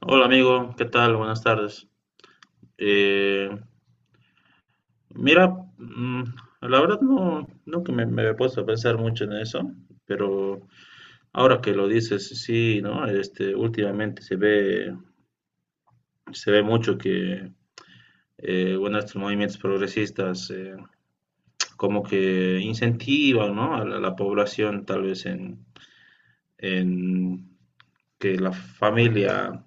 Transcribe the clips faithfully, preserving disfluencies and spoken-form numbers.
Hola amigo, ¿qué tal? Buenas tardes. Eh, mira, mm, la verdad no, nunca me, me he puesto a pensar mucho en eso, pero ahora que lo dices, sí, ¿no? Este, últimamente se ve, se ve mucho que, eh, bueno, estos movimientos progresistas eh, como que incentivan, ¿no? A la, la población tal vez en, en que la familia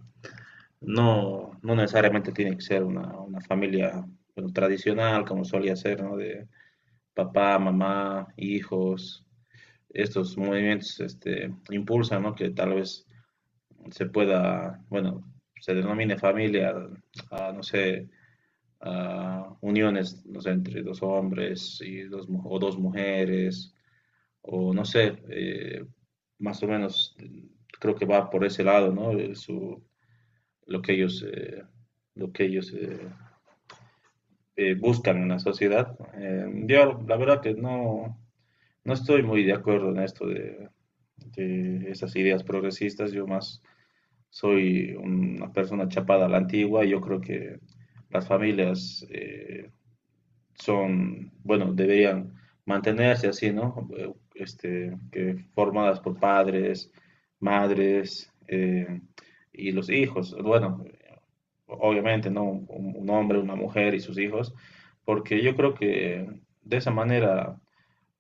no, no necesariamente tiene que ser una, una familia, bueno, tradicional, como solía ser, ¿no? De papá, mamá, hijos. Estos movimientos, este, impulsan, ¿no? Que tal vez se pueda, bueno, se denomine familia a, no sé, a uniones, no sé, entre dos hombres y dos, mu- o dos mujeres, o no sé, eh, más o menos creo que va por ese lado, ¿no? Eh, su- lo que ellos, eh, lo que ellos eh, eh, buscan en la sociedad. Eh, yo la verdad que no, no estoy muy de acuerdo en esto de, de esas ideas progresistas. Yo más soy una persona chapada a la antigua. Yo creo que las familias eh, son, bueno, deberían mantenerse así, ¿no? Eh, este, que formadas por padres, madres eh, y los hijos. Bueno, obviamente, ¿no? Un, un hombre, una mujer y sus hijos, porque yo creo que de esa manera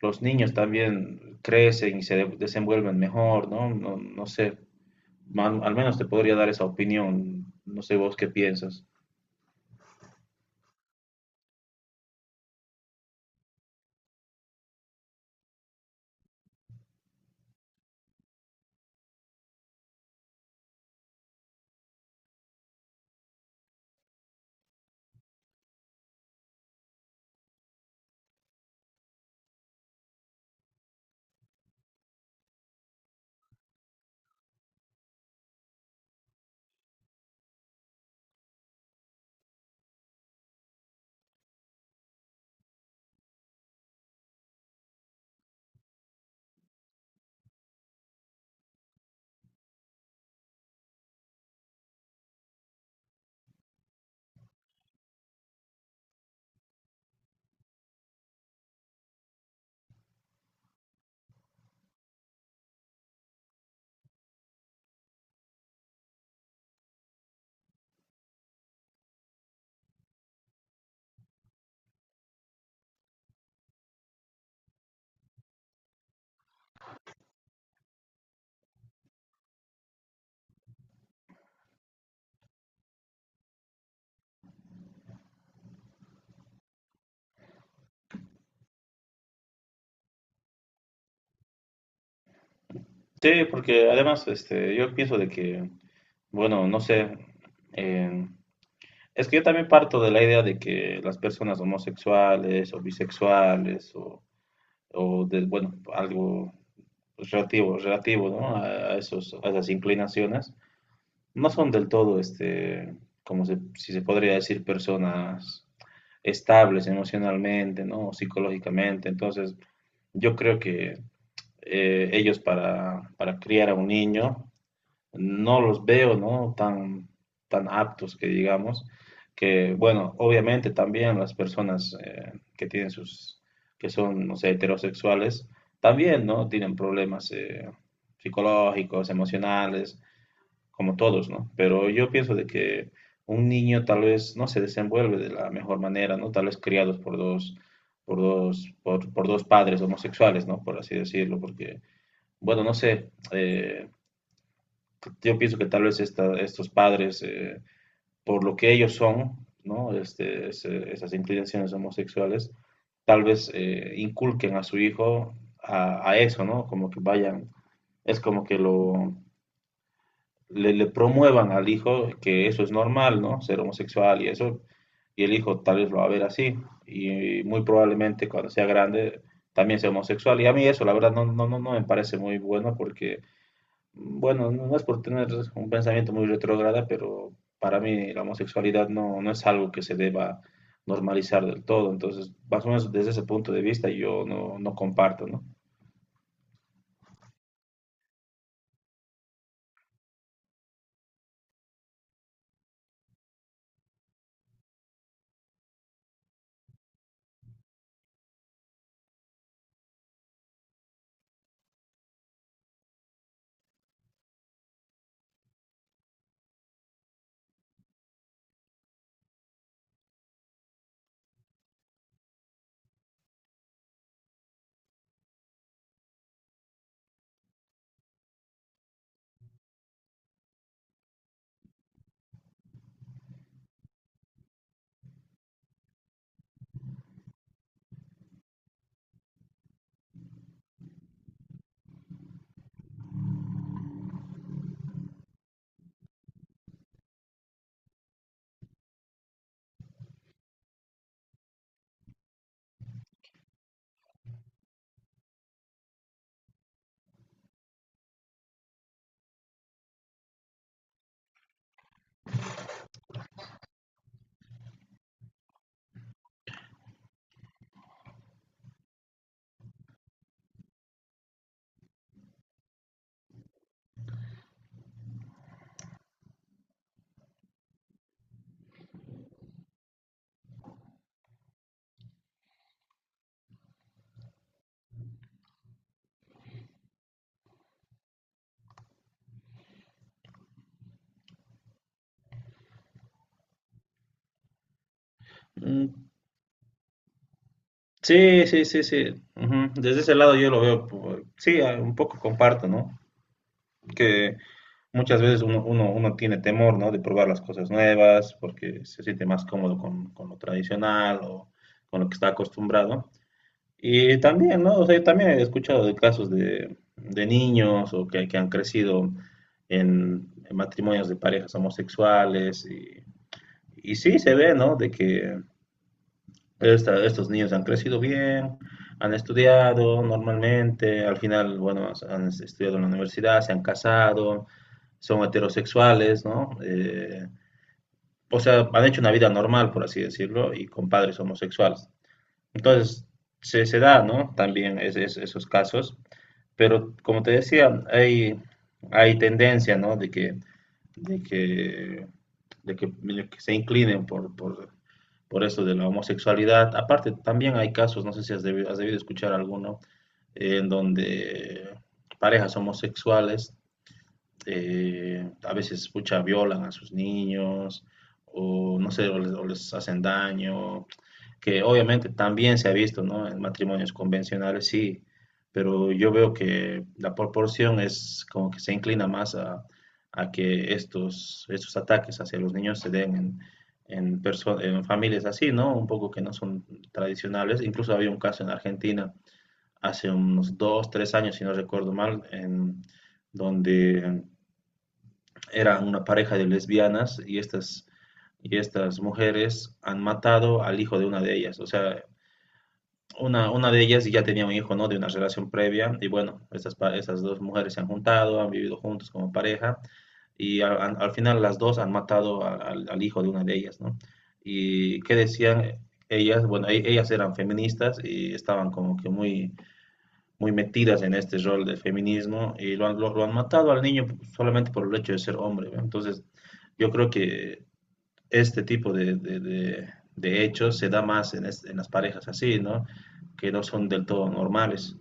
los niños también crecen y se de- desenvuelven mejor, ¿no? No, no sé, man- al menos te podría dar esa opinión, no sé vos qué piensas. Sí, porque además, este, yo pienso de que, bueno, no sé, eh, es que yo también parto de la idea de que las personas homosexuales o bisexuales o, o de, bueno, algo relativo, relativo, ¿no? A, a esos, a esas inclinaciones. No son del todo, este, como se- si se podría decir, personas estables emocionalmente, ¿no? O psicológicamente. Entonces, yo creo que eh, ellos para, para criar a un niño no los veo, ¿no? Tan, tan aptos, que digamos, que, bueno, obviamente también las personas eh, que tienen sus, que son, no sé, heterosexuales, también, ¿no? Tienen problemas eh, psicológicos, emocionales, como todos, ¿no? Pero yo pienso de que un niño tal vez no se desenvuelve de la mejor manera, ¿no? Tal vez criados por dos, por dos, por, por dos padres homosexuales, ¿no? Por así decirlo, porque, bueno, no sé, eh, yo pienso que tal vez esta, estos padres, eh, por lo que ellos son, ¿no? Este, ese, esas inclinaciones homosexuales, tal vez eh, inculquen a su hijo a, a, eso, ¿no? Como que vayan, es como que lo, le, le, promuevan al hijo que eso es normal, ¿no? Ser homosexual y eso, y el hijo tal vez lo va a ver así, y muy probablemente cuando sea grande también sea homosexual, y a mí eso la verdad no, no, no, no me parece muy bueno, porque, bueno, no, no es por tener un pensamiento muy retrógrada, pero para mí la homosexualidad no, no es algo que se deba normalizar del todo. Entonces, más o menos desde ese punto de vista yo no, no comparto, ¿no? Mm, sí, sí, sí, sí. Ujú, desde ese lado yo lo veo, pu- sí, a- un poco comparto, ¿no? Que muchas veces uno, uno, uno tiene temor, ¿no? De probar las cosas nuevas porque se siente más cómodo con, con lo tradicional o con lo que está acostumbrado. Y también, ¿no? O sea, también he escuchado de casos de, de niños o que, que han crecido en, en matrimonios de parejas homosexuales y, y sí se ve, ¿no? De que esta- estos niños han crecido bien, han estudiado normalmente, al final, bueno, han estudiado en la universidad, se han casado, son heterosexuales, ¿no? Eh, o sea, han hecho una vida normal, por así decirlo, y con padres homosexuales. Entonces, se, se da, ¿no? También es- es- esos casos. Pero como te decía, hay, hay tendencia, ¿no? De que, de que, de que, medio que se inclinen por, por, por esto de la homosexualidad. Aparte, también hay casos, no sé si has debi- has debido escuchar alguno, eh, en donde parejas homosexuales eh, a veces, pucha, violan a sus niños, o no sé, o les, o les hacen daño, que obviamente también se ha visto, ¿no? En matrimonios convencionales, sí, pero yo veo que la proporción es como que se inclina más a, a que estos, estos ataques hacia los niños se den en, en, perso- en familias así, ¿no? Un poco que no son tradicionales. Incluso había un caso en Argentina hace unos dos, tres años, si no recuerdo mal, en donde eran una pareja de lesbianas y estas, y estas mujeres han matado al hijo de una de ellas. O sea, una, una de ellas ya tenía un hijo, ¿no? De una relación previa y, bueno, estas, pa- estas dos mujeres se han juntado, han vivido juntos como pareja y al, al- al final las dos han matado a- al, al hijo de una de ellas, ¿no? Y qué decían ellas, bueno, e- ellas eran feministas y estaban como que muy muy metidas en este rol de feminismo y lo han, lo, lo han matado al niño solamente por el hecho de ser hombre, ¿no? Entonces, yo creo que este tipo de, de, de, de hechos se da más en, es, en, las parejas así, ¿no? Que no son del todo normales.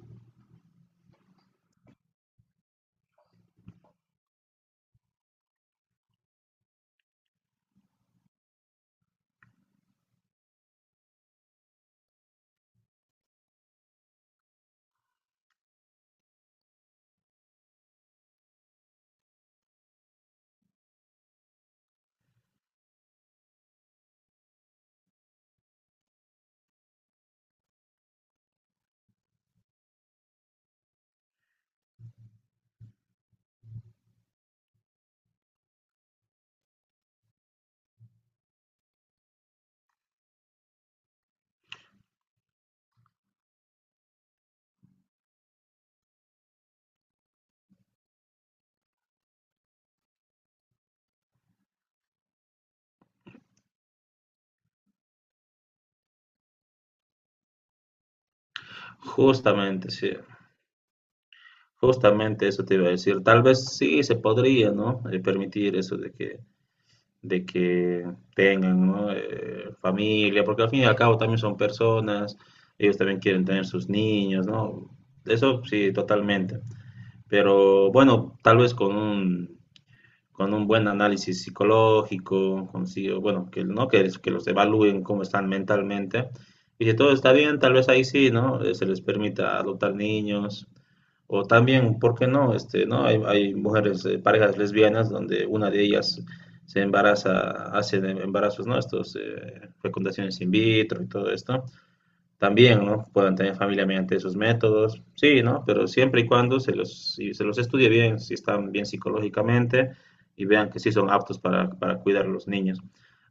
Justamente, sí. Justamente eso te iba a decir. Tal vez sí se podría, ¿no? Eh, permitir eso de que de que tengan, ¿no? eh, familia, porque al fin y al cabo también son personas, ellos también quieren tener sus niños, ¿no? Eso sí, totalmente. Pero, bueno, tal vez con un, con un buen análisis psicológico, consigo, bueno, que, ¿no? que, que los evalúen cómo están mentalmente. Y si todo está bien, tal vez ahí sí, ¿no? Eh, Se les permita adoptar niños, o también, ¿por qué no? Este, ¿no? Hay, hay mujeres, eh, parejas lesbianas donde una de ellas se embaraza, hace de- embarazos, ¿no? Estos, eh, fecundaciones in vitro y todo esto. También, ¿no? Puedan tener familia mediante esos métodos. Sí, ¿no? Pero siempre y cuando se los, si se los estudie bien, si están bien psicológicamente y vean que sí son aptos para, para cuidar a los niños.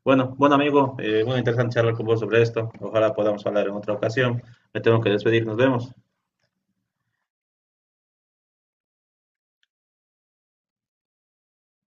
Bueno, bueno amigo, eh, bueno, interesante charlar con vos sobre esto. Ojalá podamos hablar en otra ocasión. Me tengo que despedir, nos vemos.